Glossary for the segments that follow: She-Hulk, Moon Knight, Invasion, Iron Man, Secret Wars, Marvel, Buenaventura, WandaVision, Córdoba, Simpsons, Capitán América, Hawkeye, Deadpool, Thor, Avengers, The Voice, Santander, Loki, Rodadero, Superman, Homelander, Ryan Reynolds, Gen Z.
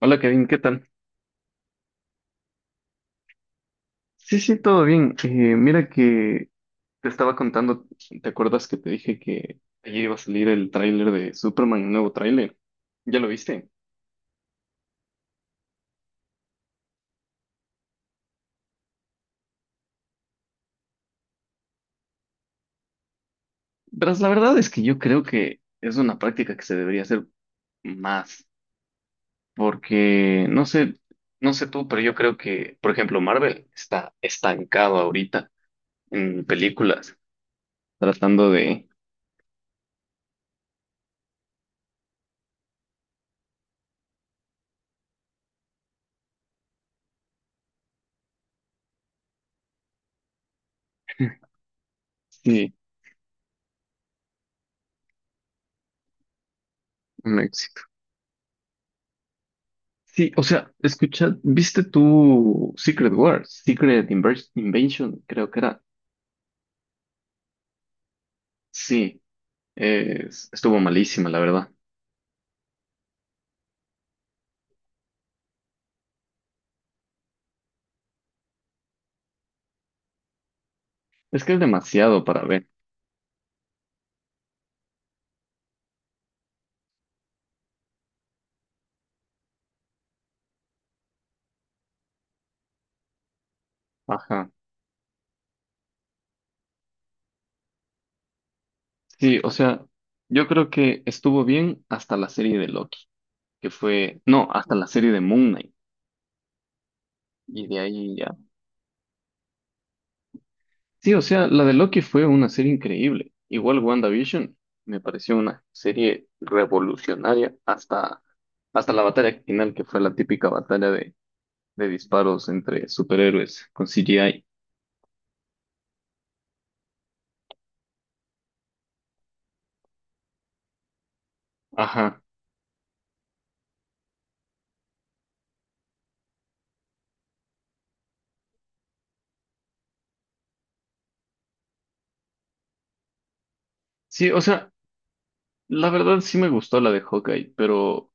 Hola Kevin, ¿qué tal? Sí, sí, todo bien. Mira que te estaba contando, ¿te acuerdas que te dije que ayer iba a salir el tráiler de Superman, el nuevo tráiler? ¿Ya lo viste? Pero la verdad es que yo creo que es una práctica que se debería hacer más, porque no sé, no sé tú, pero yo creo que, por ejemplo, Marvel está estancado ahorita en películas, tratando de... Sí, sí, o sea, escucha, ¿viste tu Secret Wars, Invasion, creo que era. Sí, estuvo malísima, la verdad. Es que es demasiado para ver. Ajá. Sí, o sea, yo creo que estuvo bien hasta la serie de Loki, que fue, no, hasta la serie de Moon Knight, y de ahí ya. Sí, o sea, la de Loki fue una serie increíble. Igual WandaVision me pareció una serie revolucionaria hasta, hasta la batalla final, que fue la típica batalla de disparos entre superhéroes con CGI. Ajá. Sí, o sea, la verdad sí me gustó la de Hawkeye, pero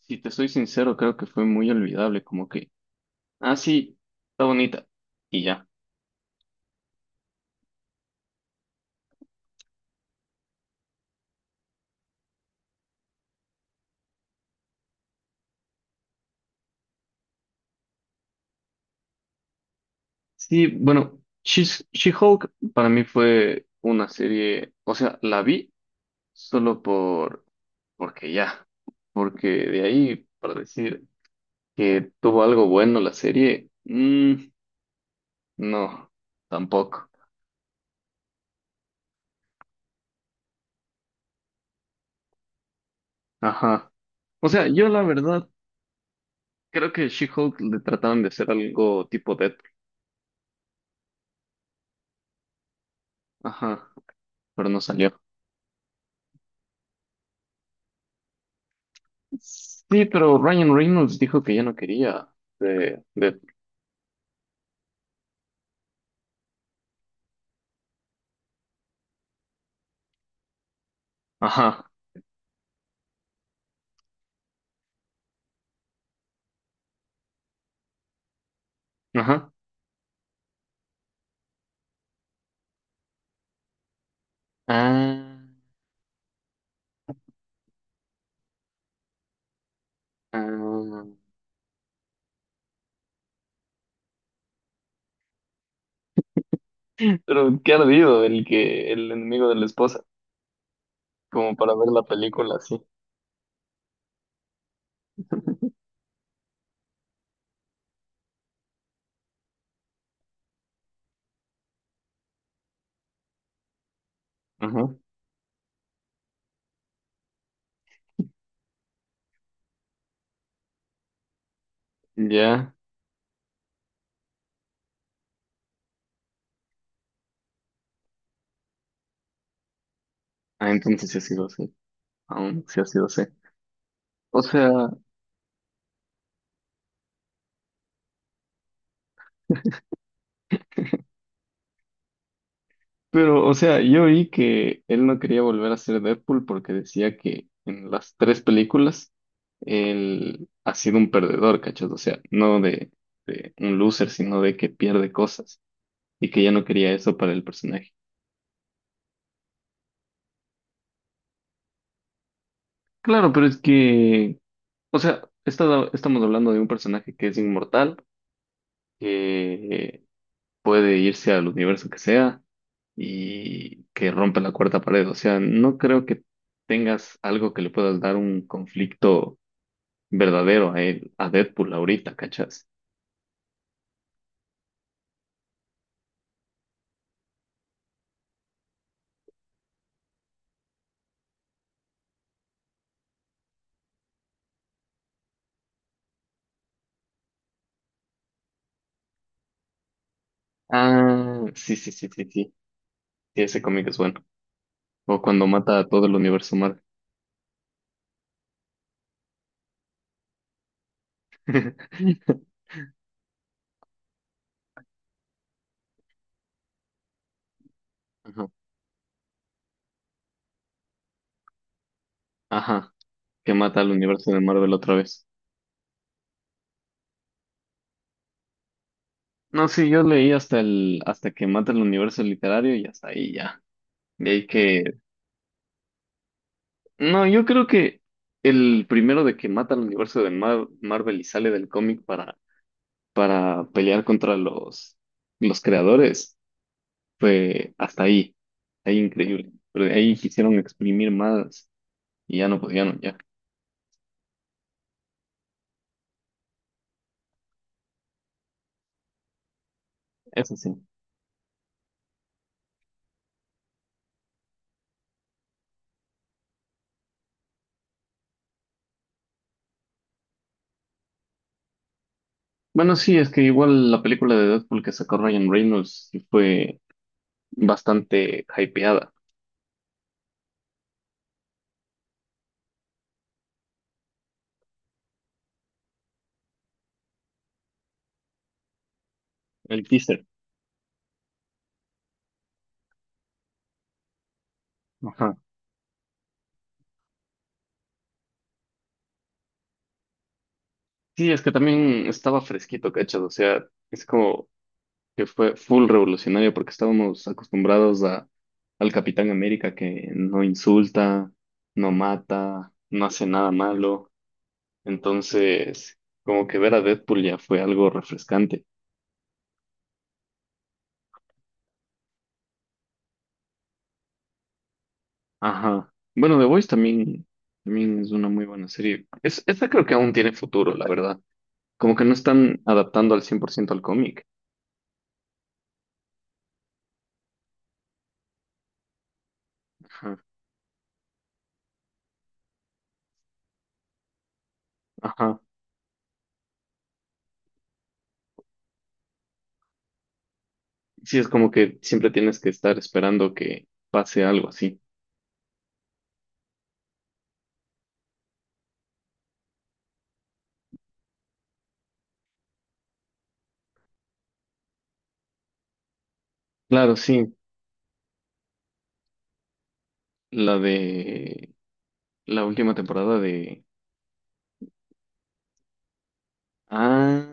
si te soy sincero, creo que fue muy olvidable, como que, ah, sí, está bonita. Y ya. Sí, bueno, She-Hulk para mí fue una serie, o sea, la vi solo por, porque ya, porque de ahí, para decir que tuvo algo bueno la serie, no, tampoco. Ajá. O sea, yo la verdad creo que She-Hulk le trataron de hacer algo tipo Deadpool. Ajá, pero no salió. Sí, pero Ryan Reynolds dijo que ya no quería de Deadpool. Ajá, ajá. Ah, ah. Pero qué ardido el que el enemigo de la esposa, como para ver la película así. Ajá, ya. Ah, entonces sí ha sido así. Aún sí ha sido así. O sea. Pero, o sea, yo oí que él no quería volver a ser Deadpool porque decía que en las tres películas él ha sido un perdedor, ¿cachas? O sea, no de, de un loser, sino de que pierde cosas y que ya no quería eso para el personaje. Claro, pero es que, o sea, estamos hablando de un personaje que es inmortal, que puede irse al universo que sea y que rompe la cuarta pared. O sea, no creo que tengas algo que le puedas dar un conflicto verdadero a él, a Deadpool ahorita, ¿cachas? Ah, sí, sí, sí, sí, sí. Sí, ese cómic es bueno. O cuando mata a todo el universo Marvel. Ajá. Ajá, que mata al universo de Marvel otra vez. No, sí, yo leí hasta el, hasta que mata el universo literario y hasta ahí ya. De ahí que, no, yo creo que el primero de que mata al universo de Marvel y sale del cómic para pelear contra los creadores fue hasta ahí, ahí increíble. Pero de ahí quisieron exprimir más y ya no podían, ya. Eso sí. Bueno, sí, es que igual la película de Deadpool que sacó Ryan Reynolds sí fue bastante hypeada, el teaser. Ajá. Sí, es que también estaba fresquito, ¿cachas? O sea, es como que fue full revolucionario porque estábamos acostumbrados a, al Capitán América que no insulta, no mata, no hace nada malo. Entonces, como que ver a Deadpool ya fue algo refrescante. Ajá. Bueno, The Voice también, también es una muy buena serie. Es, esta creo que aún tiene futuro, la verdad. Como que no están adaptando al 100% al cómic. Ajá. Ajá. Sí, es como que siempre tienes que estar esperando que pase algo así. Claro, sí. La de la última temporada de... Ah,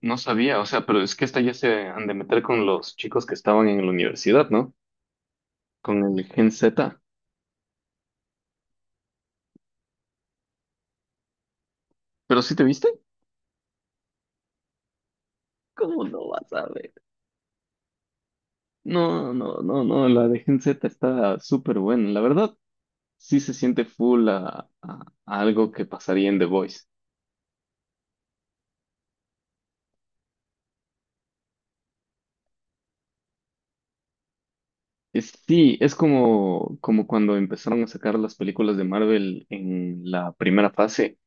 no sabía. O sea, pero es que esta ya se han de meter con los chicos que estaban en la universidad, ¿no? Con el Gen Z. ¿Pero sí te viste? ¿Cómo no vas a ver? No, no, no, no, la de Gen Z está súper buena. La verdad, sí se siente full a, a algo que pasaría en The Voice. Es, sí, es como, como cuando empezaron a sacar las películas de Marvel en la primera fase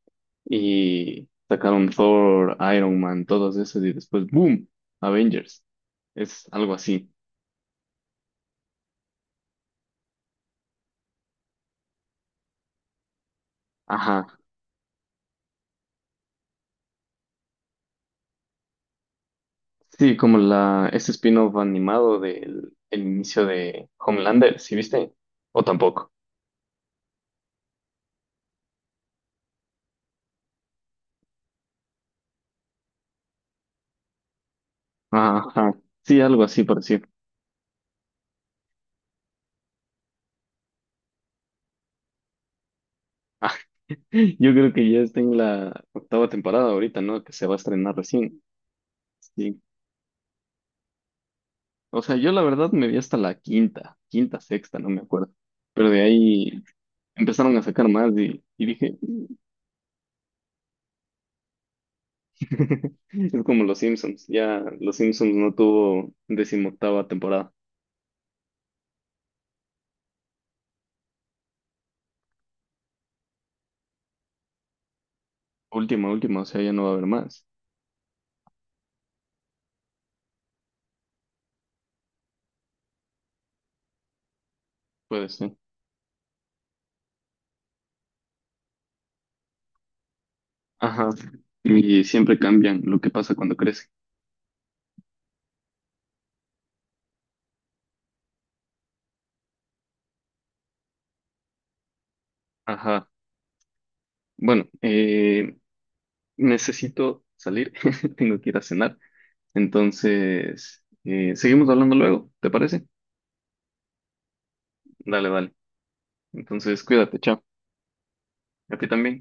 y sacaron Thor, Iron Man, todas esas y después, ¡boom! Avengers. Es algo así. Ajá. Sí, como la, ese spin-off animado del el inicio de Homelander, ¿sí viste? ¿O tampoco? Ajá, sí, algo así por decir. Ah, yo creo que ya está en la octava temporada ahorita, ¿no? Que se va a estrenar recién. Sí. O sea, yo la verdad me vi hasta la quinta, quinta, sexta, no me acuerdo. Pero de ahí empezaron a sacar más y dije, es como los Simpsons, ya los Simpsons no tuvo decimoctava temporada. Última, última, o sea, ya no va a haber más. Puede ser. Ajá. Y siempre cambian lo que pasa cuando crece. Ajá. Bueno, necesito salir. Tengo que ir a cenar. Entonces, seguimos hablando luego, ¿te parece? Dale, dale. Entonces, cuídate, chao. A ti también.